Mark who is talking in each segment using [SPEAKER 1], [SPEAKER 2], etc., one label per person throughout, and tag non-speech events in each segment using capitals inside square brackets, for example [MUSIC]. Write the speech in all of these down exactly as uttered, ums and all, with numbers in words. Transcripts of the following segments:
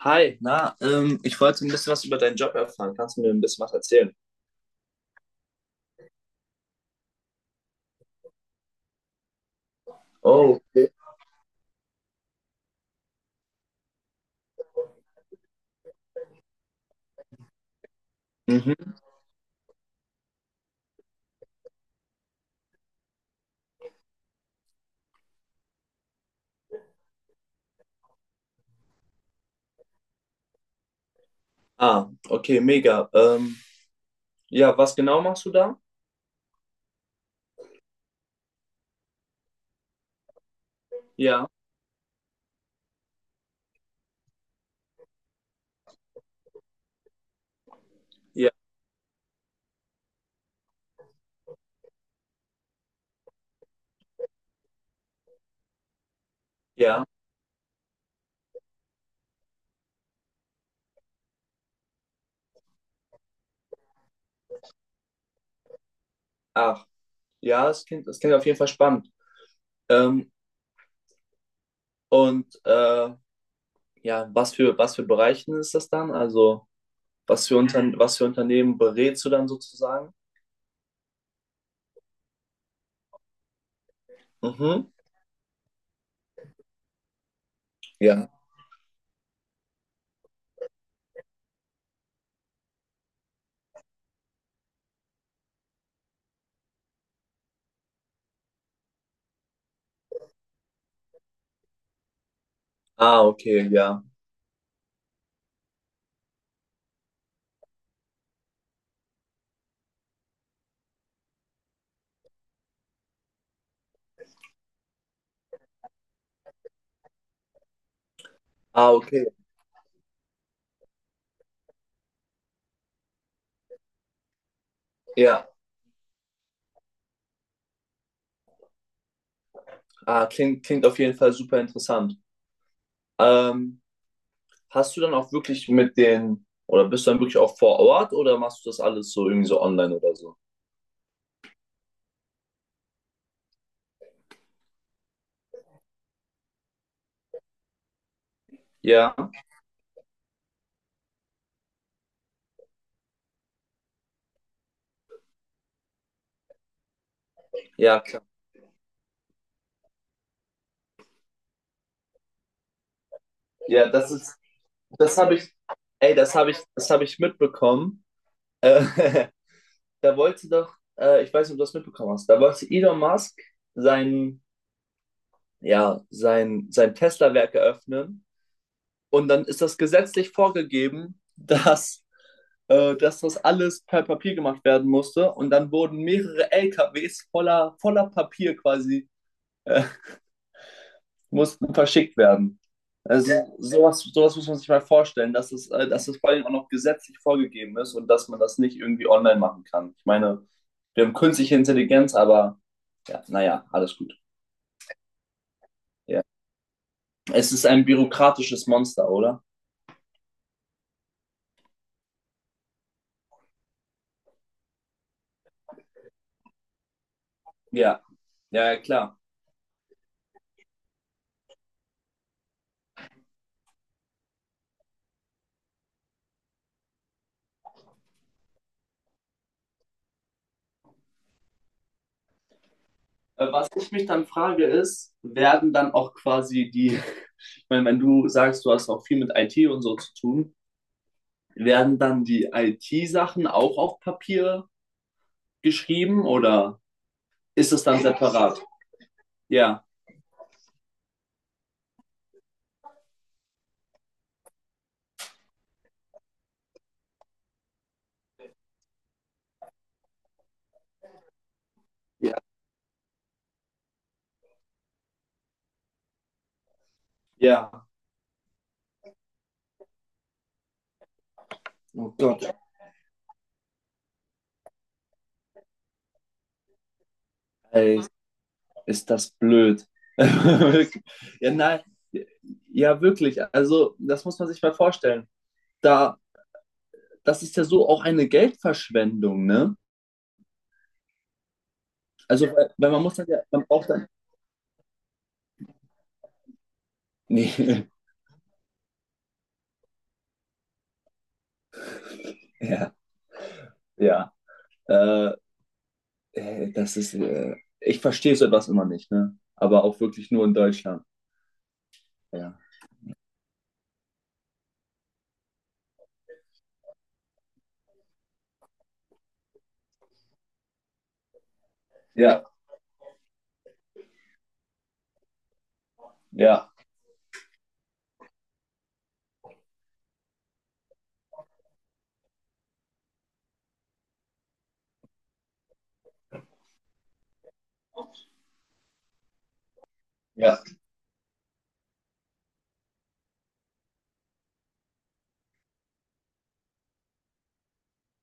[SPEAKER 1] Hi, na, ähm, ich wollte ein bisschen was über deinen Job erfahren. Kannst du mir ein bisschen was erzählen? Oh, ah, okay, mega. Ähm, ja, was genau machst du da? Ja, ja, ja. Ach, ja, es klingt, es klingt auf jeden Fall spannend. Ähm, und äh, ja, was für, was für Bereichen ist das dann? Also, was für Unter, was für Unternehmen berätst du dann sozusagen? Mhm. Ja. Ah, okay, ja. Ah, okay, ja. Ah, klingt, klingt auf jeden Fall super interessant. Ähm, Hast du dann auch wirklich mit den, oder bist du dann wirklich auch vor Ort oder machst du das alles so irgendwie so online oder so? Ja, ja, klar. Ja, das ist, das habe ich, ey, das habe ich, das habe ich mitbekommen. Äh, [LAUGHS] da wollte doch, äh, ich weiß nicht, ob du das mitbekommen hast, da wollte Elon Musk sein, ja, sein, sein Tesla-Werk eröffnen und dann ist das gesetzlich vorgegeben, [LAUGHS] dass, äh, dass das alles per Papier gemacht werden musste und dann wurden mehrere L K Ws voller, voller Papier quasi mussten verschickt werden. Also sowas, sowas muss man sich mal vorstellen, dass es, äh, dass es vor allem auch noch gesetzlich vorgegeben ist und dass man das nicht irgendwie online machen kann. Ich meine, wir haben künstliche Intelligenz, aber ja, naja, alles gut. Ja. Es ist ein bürokratisches Monster, oder? Ja, ja, ja, klar. Äh, was ich mich dann frage ist, werden dann auch quasi die, [LAUGHS] ich meine, wenn du sagst, du hast auch viel mit I T und so zu tun, werden dann die I T-Sachen auch auf Papier geschrieben oder? Ist es dann separat. Ja, ja. Ja. Oh Gott, ey, ist das blöd. [LAUGHS] Ja, nein, ja, wirklich. Also, das muss man sich mal vorstellen. Da, das ist ja so auch eine Geldverschwendung, ne? Also, weil, weil man muss dann ja, man braucht dann. Nee, [LAUGHS] ja, ja. Äh, ey, das ist, äh, ich verstehe so etwas immer nicht, ne? Aber auch wirklich nur in Deutschland. Ja, ja, ja, ja.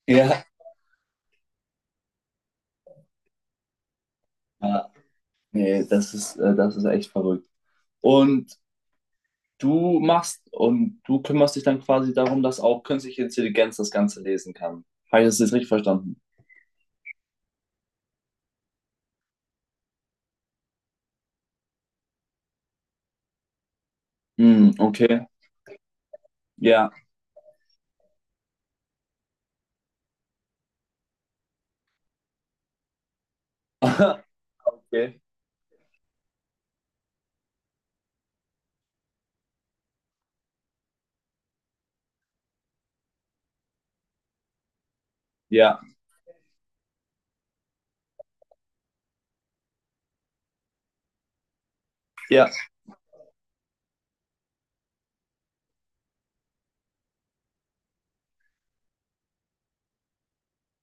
[SPEAKER 1] Ja, ja. Nee, das ist, äh, das ist echt verrückt. Und du machst und du kümmerst dich dann quasi darum, dass auch künstliche Intelligenz das Ganze lesen kann. Habe ich das jetzt richtig verstanden? Hm, okay. Ja. [LAUGHS] Okay. Ja. Ja.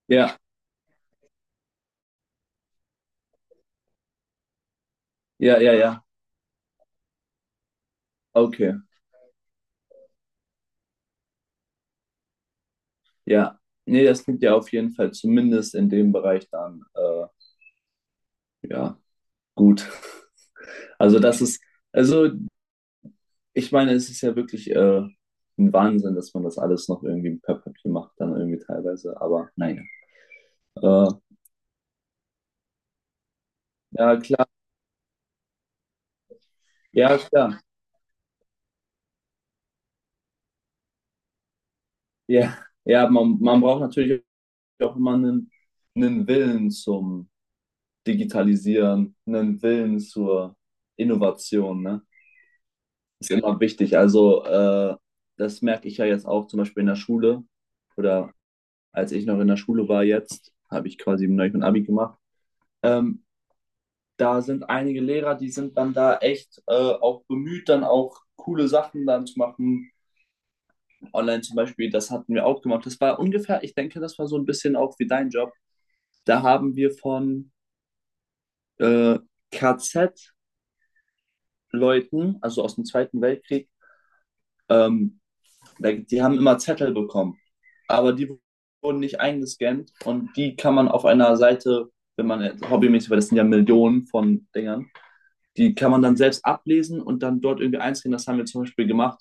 [SPEAKER 1] Ja. Ja. Ja. Ja. Okay. Ja. Nee, das klingt ja auf jeden Fall zumindest in dem Bereich dann, äh, ja, gut. [LAUGHS] Also das ist, also ich meine, es ist ja wirklich äh, ein Wahnsinn, dass man das alles noch irgendwie per Papier macht, dann irgendwie teilweise, aber naja. Äh, ja, klar. Ja, klar. Ja, ja, man, man braucht natürlich auch immer einen, einen Willen zum Digitalisieren, einen Willen zur Innovation, ne? Ist immer wichtig. Also, äh, das merke ich ja jetzt auch zum Beispiel in der Schule oder als ich noch in der Schule war jetzt, habe ich quasi neulich mein Abi gemacht. Ähm, da sind einige Lehrer, die sind dann da echt äh, auch bemüht, dann auch coole Sachen dann zu machen. Online zum Beispiel, das hatten wir auch gemacht. Das war ungefähr, ich denke, das war so ein bisschen auch wie dein Job. Da haben wir von äh, K Z-Leuten, also aus dem Zweiten Weltkrieg, ähm, die haben immer Zettel bekommen, aber die wurden nicht eingescannt und die kann man auf einer Seite, wenn man jetzt hobbymäßig, weil das sind ja Millionen von Dingern, die kann man dann selbst ablesen und dann dort irgendwie einscannen. Das haben wir zum Beispiel gemacht,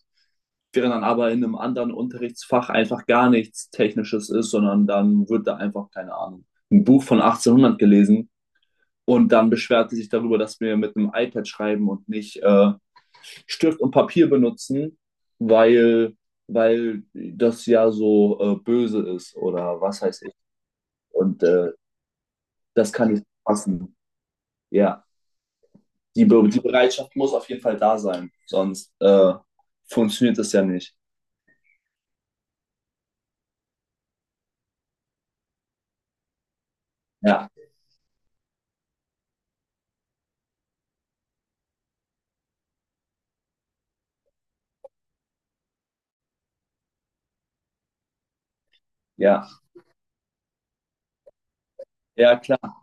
[SPEAKER 1] während dann aber in einem anderen Unterrichtsfach einfach gar nichts Technisches ist, sondern dann wird da einfach, keine Ahnung, ein Buch von achtzehnhundert gelesen. Und dann beschwert sie sich darüber, dass wir mit einem iPad schreiben und nicht äh, Stift und Papier benutzen, weil, weil das ja so äh, böse ist oder was weiß ich. Und äh, Das kann nicht passen. Ja, die, Be die Bereitschaft muss auf jeden Fall da sein, sonst äh, funktioniert das ja nicht. Ja, ja, ja, klar.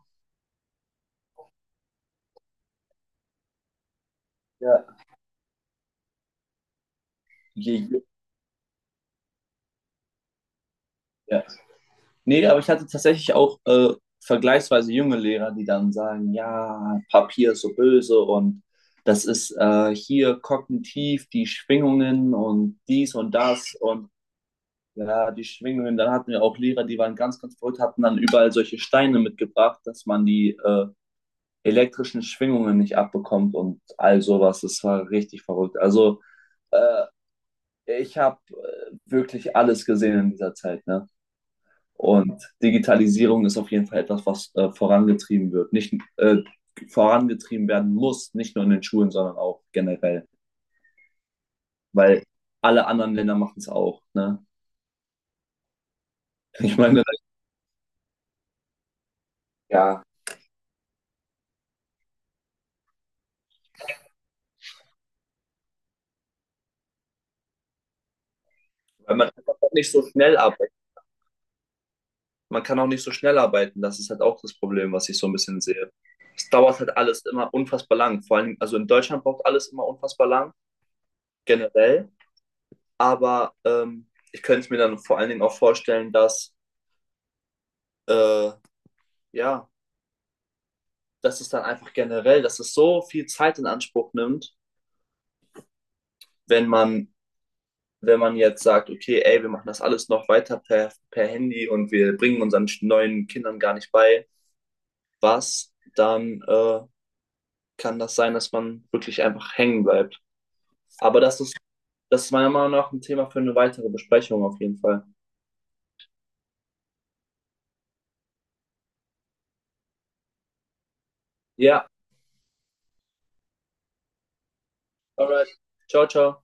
[SPEAKER 1] Ja, je, je, ja. Nee, aber ich hatte tatsächlich auch äh, vergleichsweise junge Lehrer, die dann sagen, ja, Papier ist so böse und das ist äh, hier kognitiv die Schwingungen und dies und das und ja, die Schwingungen. Dann hatten wir auch Lehrer, die waren ganz, ganz verrückt, hatten dann überall solche Steine mitgebracht, dass man die äh, elektrischen Schwingungen nicht abbekommt und all sowas. Das war richtig verrückt. Also äh, ich habe äh, wirklich alles gesehen in dieser Zeit, ne? Und Digitalisierung ist auf jeden Fall etwas, was äh, vorangetrieben wird. Nicht äh, vorangetrieben werden muss, nicht nur in den Schulen, sondern auch generell. Weil alle anderen Länder machen es auch. Ne? [LAUGHS] Ich meine, ja, weil man kann nicht so schnell arbeitet. Man kann auch nicht so schnell arbeiten. Das ist halt auch das Problem, was ich so ein bisschen sehe. Es dauert halt alles immer unfassbar lang. Vor allem, also in Deutschland braucht alles immer unfassbar lang, generell. Aber ähm, ich könnte es mir dann vor allen Dingen auch vorstellen, dass äh, ja, dass es dann einfach generell, dass es so viel Zeit in Anspruch nimmt, wenn man, wenn man jetzt sagt, okay, ey, wir machen das alles noch weiter per, per Handy und wir bringen unseren neuen Kindern gar nicht bei, was, dann äh, kann das sein, dass man wirklich einfach hängen bleibt. Aber das ist, das ist meiner Meinung nach ein Thema für eine weitere Besprechung auf jeden Fall. Ja, alright. Ciao, ciao.